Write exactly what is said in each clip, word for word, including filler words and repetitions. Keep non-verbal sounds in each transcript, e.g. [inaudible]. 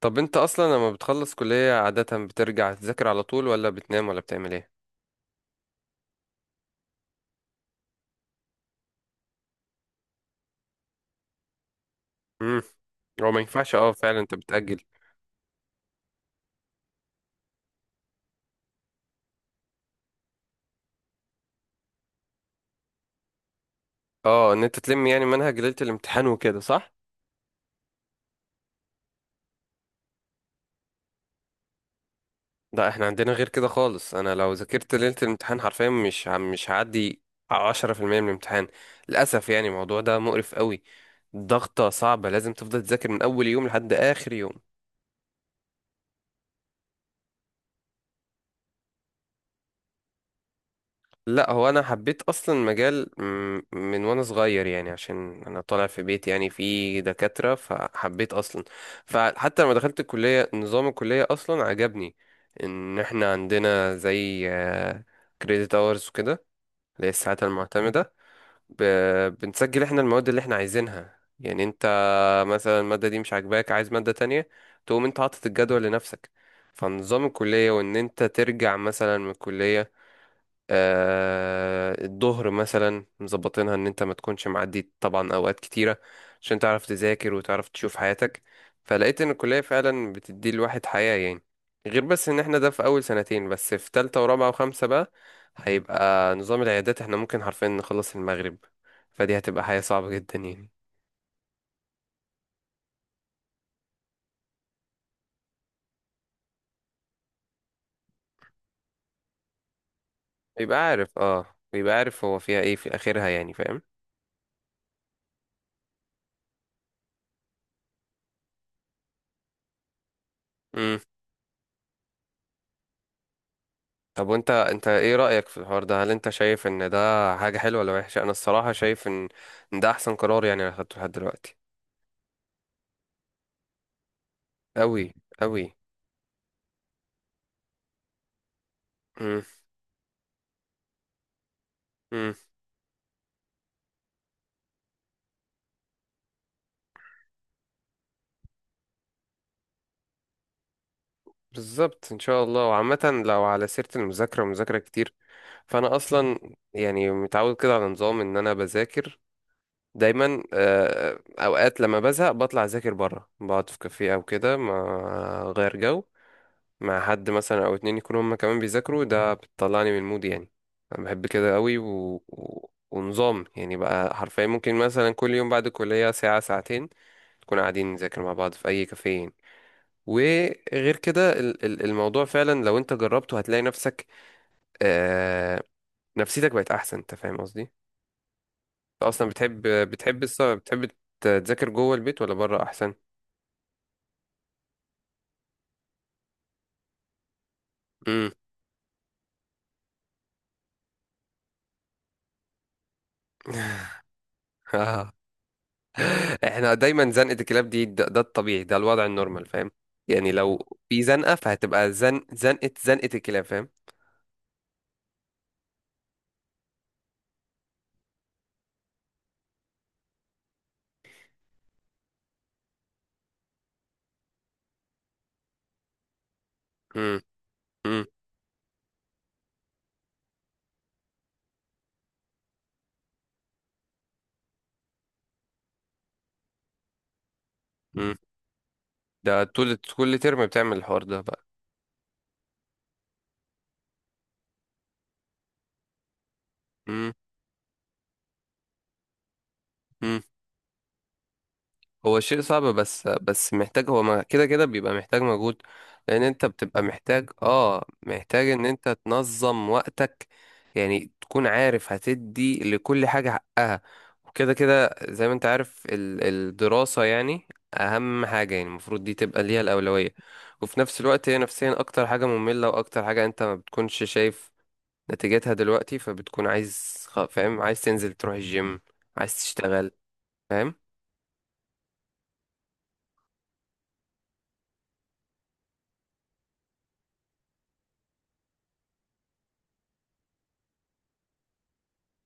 طب انت اصلا لما بتخلص كلية عادة بترجع تذاكر على طول ولا بتنام ولا بتعمل ايه؟ امم. هو ما ينفعش، اه، فعلا انت بتأجل. اه، ان انت تلم يعني منهج ليلة الامتحان وكده صح؟ لا احنا عندنا غير كده خالص، انا لو ذاكرت ليلة الامتحان حرفيا مش ه- مش هعدي عشرة في المية من الامتحان. للاسف يعني الموضوع ده مقرف قوي. ضغطة صعبة، لازم تفضل تذاكر من اول يوم لحد اخر يوم. لا هو انا حبيت اصلا مجال م- من وانا صغير، يعني عشان انا طالع في بيت يعني فيه دكاترة فحبيت اصلا. فحتى لما دخلت الكلية نظام الكلية اصلا عجبني، ان احنا عندنا زي كريديت اورز وكده، اللي هي الساعات المعتمدة. ب- بنسجل احنا المواد اللي احنا عايزينها، يعني انت مثلا المادة دي مش عاجباك عايز مادة تانية، تقوم انت حاطط الجدول لنفسك. فنظام الكلية وان انت ترجع مثلا من الكلية آه، الظهر مثلا مظبطينها ان انت ما تكونش معدي طبعا اوقات كتيره، عشان تعرف تذاكر وتعرف تشوف حياتك. فلقيت ان الكليه فعلا بتدي الواحد حياه يعني. غير بس ان احنا ده في اول سنتين، بس في تالتة ورابعة وخمسة بقى هيبقى نظام العيادات، احنا ممكن حرفيا نخلص المغرب. فدي هتبقى حياة صعبة جدا يعني. بيبقى عارف، اه، بيبقى عارف هو فيها ايه في اخرها يعني فاهم. طب وانت انت ايه رأيك في الحوار ده؟ هل انت شايف ان ده حاجة حلوة ولا وحشة؟ انا الصراحة شايف ان ان ده احسن قرار يعني انا خدته لحد دلوقتي. قوي. قوي. امم. امم. بالظبط ان شاء الله. وعامة لو على سيرة المذاكرة ومذاكرة كتير، فانا اصلا يعني متعود كده على نظام ان انا بذاكر دايما، آه، اوقات لما بزهق بطلع اذاكر بره، بقعد في كافيه او كده ما غير جو مع حد مثلا او اتنين يكونوا هما كمان بيذاكروا، ده بتطلعني من المود يعني. انا بحب كده قوي و... و... ونظام، يعني بقى حرفيا ممكن مثلا كل يوم بعد الكلية ساعة ساعتين نكون قاعدين نذاكر مع بعض في اي كافيه يعني. وغير كده ال- ال- الموضوع فعلا لو انت جربته هتلاقي نفسك. آه... نفسيتك بقت احسن، انت فاهم قصدي؟ انت اصلا بتحب بتحب الص... بتحب تذاكر جوه البيت ولا بره احسن؟ امم. [laughs] احنا دايما زنقة الكلاب دي، ده, ده الطبيعي، ده الوضع النورمال فاهم. يعني لو في زنقة فهتبقى زن زنقة زنقة الكلاب فاهم. امم. امم. امم. ده طول كل ترم بتعمل الحوار ده بقى؟ امم. امم. هو شيء صعب، بس بس محتاج، هو ما- كده كده بيبقى محتاج مجهود، لان انت بتبقى محتاج اه محتاج ان انت تنظم وقتك. يعني تكون عارف هتدي لكل حاجة حقها، وكده كده زي ما انت عارف ال- الدراسة يعني اهم حاجة، يعني المفروض دي تبقى ليها الأولوية. وفي نفس الوقت هي نفسيا اكتر حاجة مملة واكتر حاجة انت ما بتكونش شايف نتيجتها دلوقتي، فبتكون عايز خ- فاهم؟ عايز تنزل تروح الجيم، عايز تشتغل، فاهم.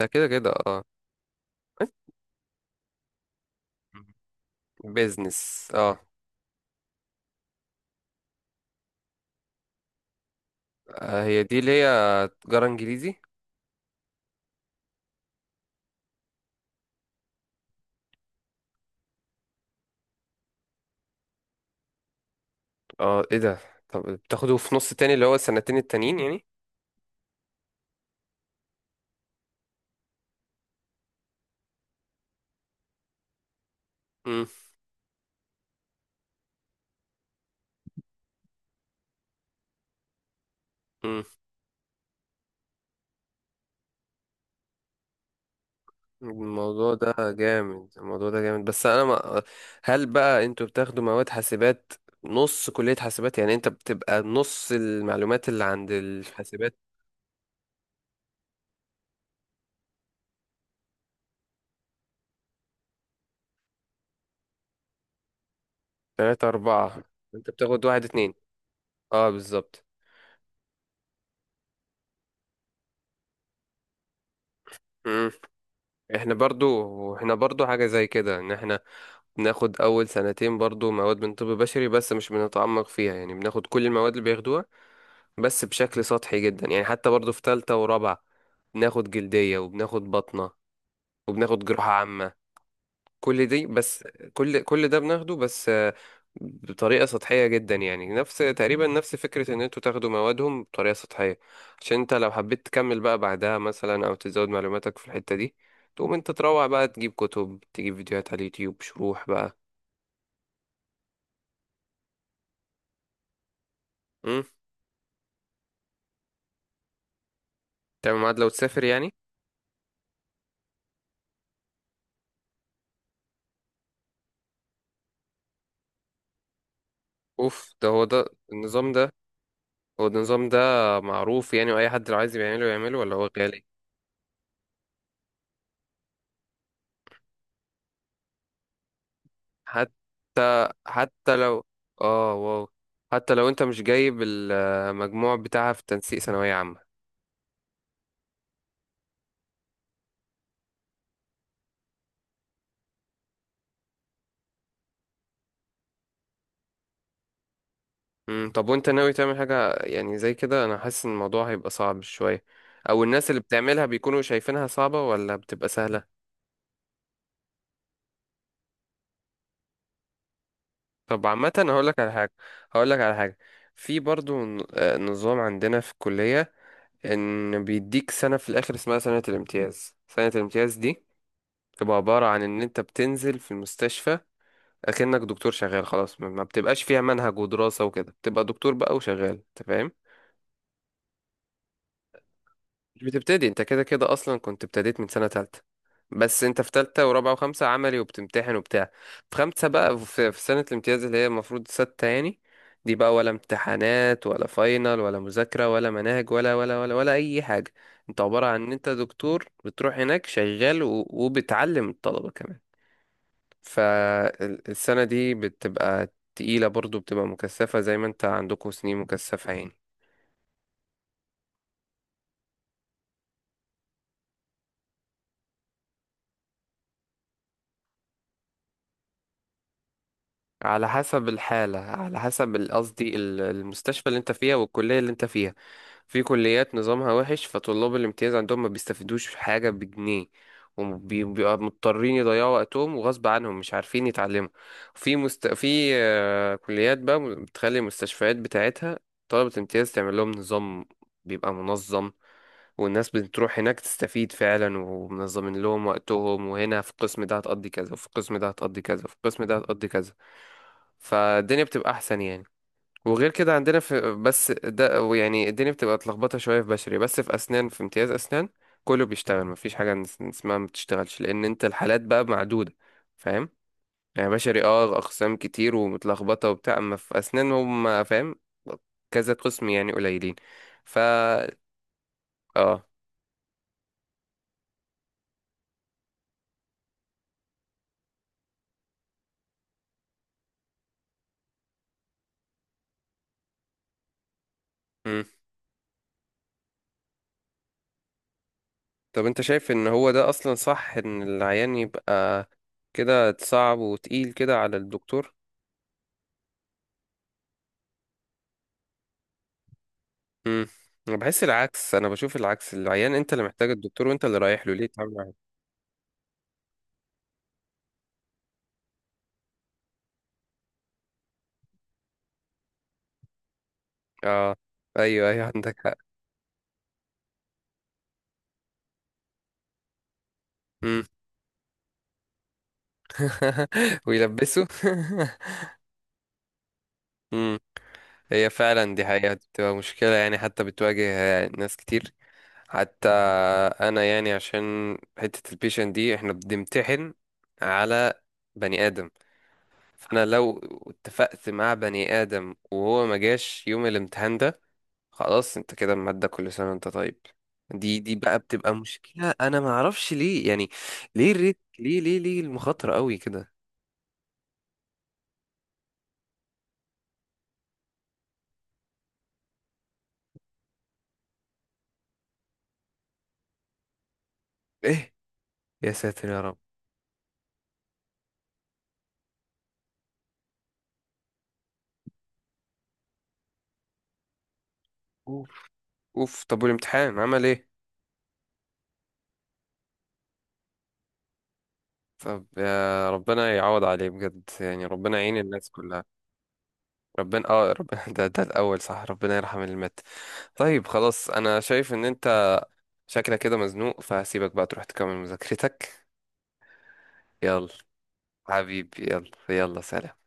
ده كده كده. اه، بيزنس، اه. آه، هي دي اللي هي تجارة انجليزي. اه، ايه ده؟ طب بتاخده في نص تاني اللي هو السنتين التانيين يعني؟ مم. مم. الموضوع ده جامد، الموضوع ده جامد، بس انا ما. هل بقى انتوا بتاخدوا مواد حاسبات؟ نص كلية حاسبات يعني، انت بتبقى نص المعلومات اللي عند الحاسبات؟ تلاتة أربعة، انت بتاخد واحد اتنين. اه بالظبط. مم. احنا برضو احنا برضو حاجة زي كده، ان احنا بناخد أول سنتين برضو مواد من طب بشري بس مش بنتعمق فيها، يعني بناخد كل المواد اللي بياخدوها بس بشكل سطحي جدا. يعني حتى برضو في تالتة ورابعة بناخد جلدية وبناخد بطنة وبناخد جراحة عامة، كل دي. بس كل كل ده بناخده، بس آه، بطريقة سطحية جدا، يعني نفس تقريبا نفس فكرة ان انتوا تاخدوا موادهم بطريقة سطحية. عشان انت لو حبيت تكمل بقى بعدها مثلا او تزود معلوماتك في الحتة دي، تقوم انت تروح بقى تجيب كتب تجيب فيديوهات على اليوتيوب شروح بقى. تعمل ميعاد لو تسافر يعني؟ اوف. ده هو ده النظام ده، هو ده النظام ده معروف يعني؟ واي حد لو عايز يعمله يعمله؟ ولا هو غالي؟ حتى حتى لو، اه، واو، حتى لو انت مش جايب المجموع بتاعها في تنسيق ثانوية عامة. امم. طب وانت ناوي تعمل حاجة يعني زي كده؟ انا حاسس ان الموضوع هيبقى صعب شوية، او الناس اللي بتعملها بيكونوا شايفينها صعبة ولا بتبقى سهلة؟ طب عامة هقول لك على حاجة، هقول لك على حاجة. في برضو ن- آه، نظام عندنا في الكلية، ان بيديك سنة في الاخر اسمها سنة الامتياز. سنة الامتياز دي تبقى عبارة عن ان انت بتنزل في المستشفى اكنك دكتور شغال خلاص، ما ما بتبقاش فيها منهج ودراسة وكده، بتبقى دكتور بقى وشغال انت فاهم. مش بتبتدي انت، كده كده اصلا كنت ابتديت من سنة تالتة، بس انت في تالتة ورابعة وخمسة عملي وبتمتحن وبتاع. في خمسة بقى في, في سنة الامتياز اللي هي المفروض ستة يعني، دي بقى ولا امتحانات ولا فاينل ولا مذاكرة ولا مناهج ولا ولا ولا ولا أي حاجة. انت عبارة عن ان انت دكتور بتروح هناك شغال و- وبتعلم الطلبة كمان. فالسنة دي بتبقى تقيلة برضو، بتبقى مكثفة زي ما انت عندكم سنين مكثفة يعني. على حسب الحالة، على حسب ال- قصدي ال- المستشفى اللي انت فيها والكلية اللي انت فيها. في كليات نظامها وحش، فطلاب الامتياز عندهم ما بيستفيدوش حاجة بجنيه، وبيبقوا مضطرين يضيعوا وقتهم وغصب عنهم مش عارفين يتعلموا. في مست... في آه، كليات بقى بتخلي المستشفيات بتاعتها طلبة الامتياز تعمل لهم نظام بيبقى منظم، والناس بتروح هناك تستفيد فعلا ومنظمين لهم وقتهم، وهنا في القسم ده هتقضي كذا وفي القسم ده هتقضي كذا وفي القسم ده هتقضي كذا، فالدنيا بتبقى احسن يعني. وغير كده عندنا، في بس ده يعني الدنيا بتبقى اتلخبطه شويه في بشري، بس في اسنان في امتياز اسنان كله بيشتغل، مفيش حاجه نس- اسمها ما بتشتغلش لان انت الحالات بقى معدوده فاهم. يعني بشري، اه، اقسام كتير ومتلخبطه وبتاع، اما في اسنان هم فاهم كذا قسم يعني قليلين. ف اه مم. طب انت شايف ان هو ده اصلا صح ان العيان يبقى كده صعب وتقيل كده على الدكتور؟ امم. انا بحس العكس، انا بشوف العكس، العيان انت اللي محتاج الدكتور وانت اللي رايح له، ليه تعمل معاه؟ اه، ايوه، ايوه. [laughs] عندك حق. امم. [laughs] ويلبسه. [laughs] امم. هي فعلا دي حقيقة بتبقى مشكلة يعني حتى بتواجه ناس كتير. حتى انا، يعني عشان حتة البيشن دي احنا بنمتحن على بني ادم، فانا لو اتفقت مع بني ادم وهو ما جاش يوم الامتحان ده، خلاص انت كده المادة كل سنة وانت طيب. دي دي بقى بتبقى مشكلة، انا ما اعرفش ليه يعني. ليه الريت، ليه ليه ليه المخاطرة قوي كده؟ ايه؟ يا ساتر يا رب. اوف. اوف. طب والامتحان عمل ايه؟ طب يا ربنا يعوض عليه بجد يعني، ربنا يعين الناس كلها. ربنا اه ربنا [laughs] ده ده الاول صح، ربنا يرحم اللي مات. طيب خلاص انا شايف ان انت شكلك كده مزنوق، فهسيبك بقى تروح تكمل مذاكرتك. يلا حبيبي، يلا يلا، سلام.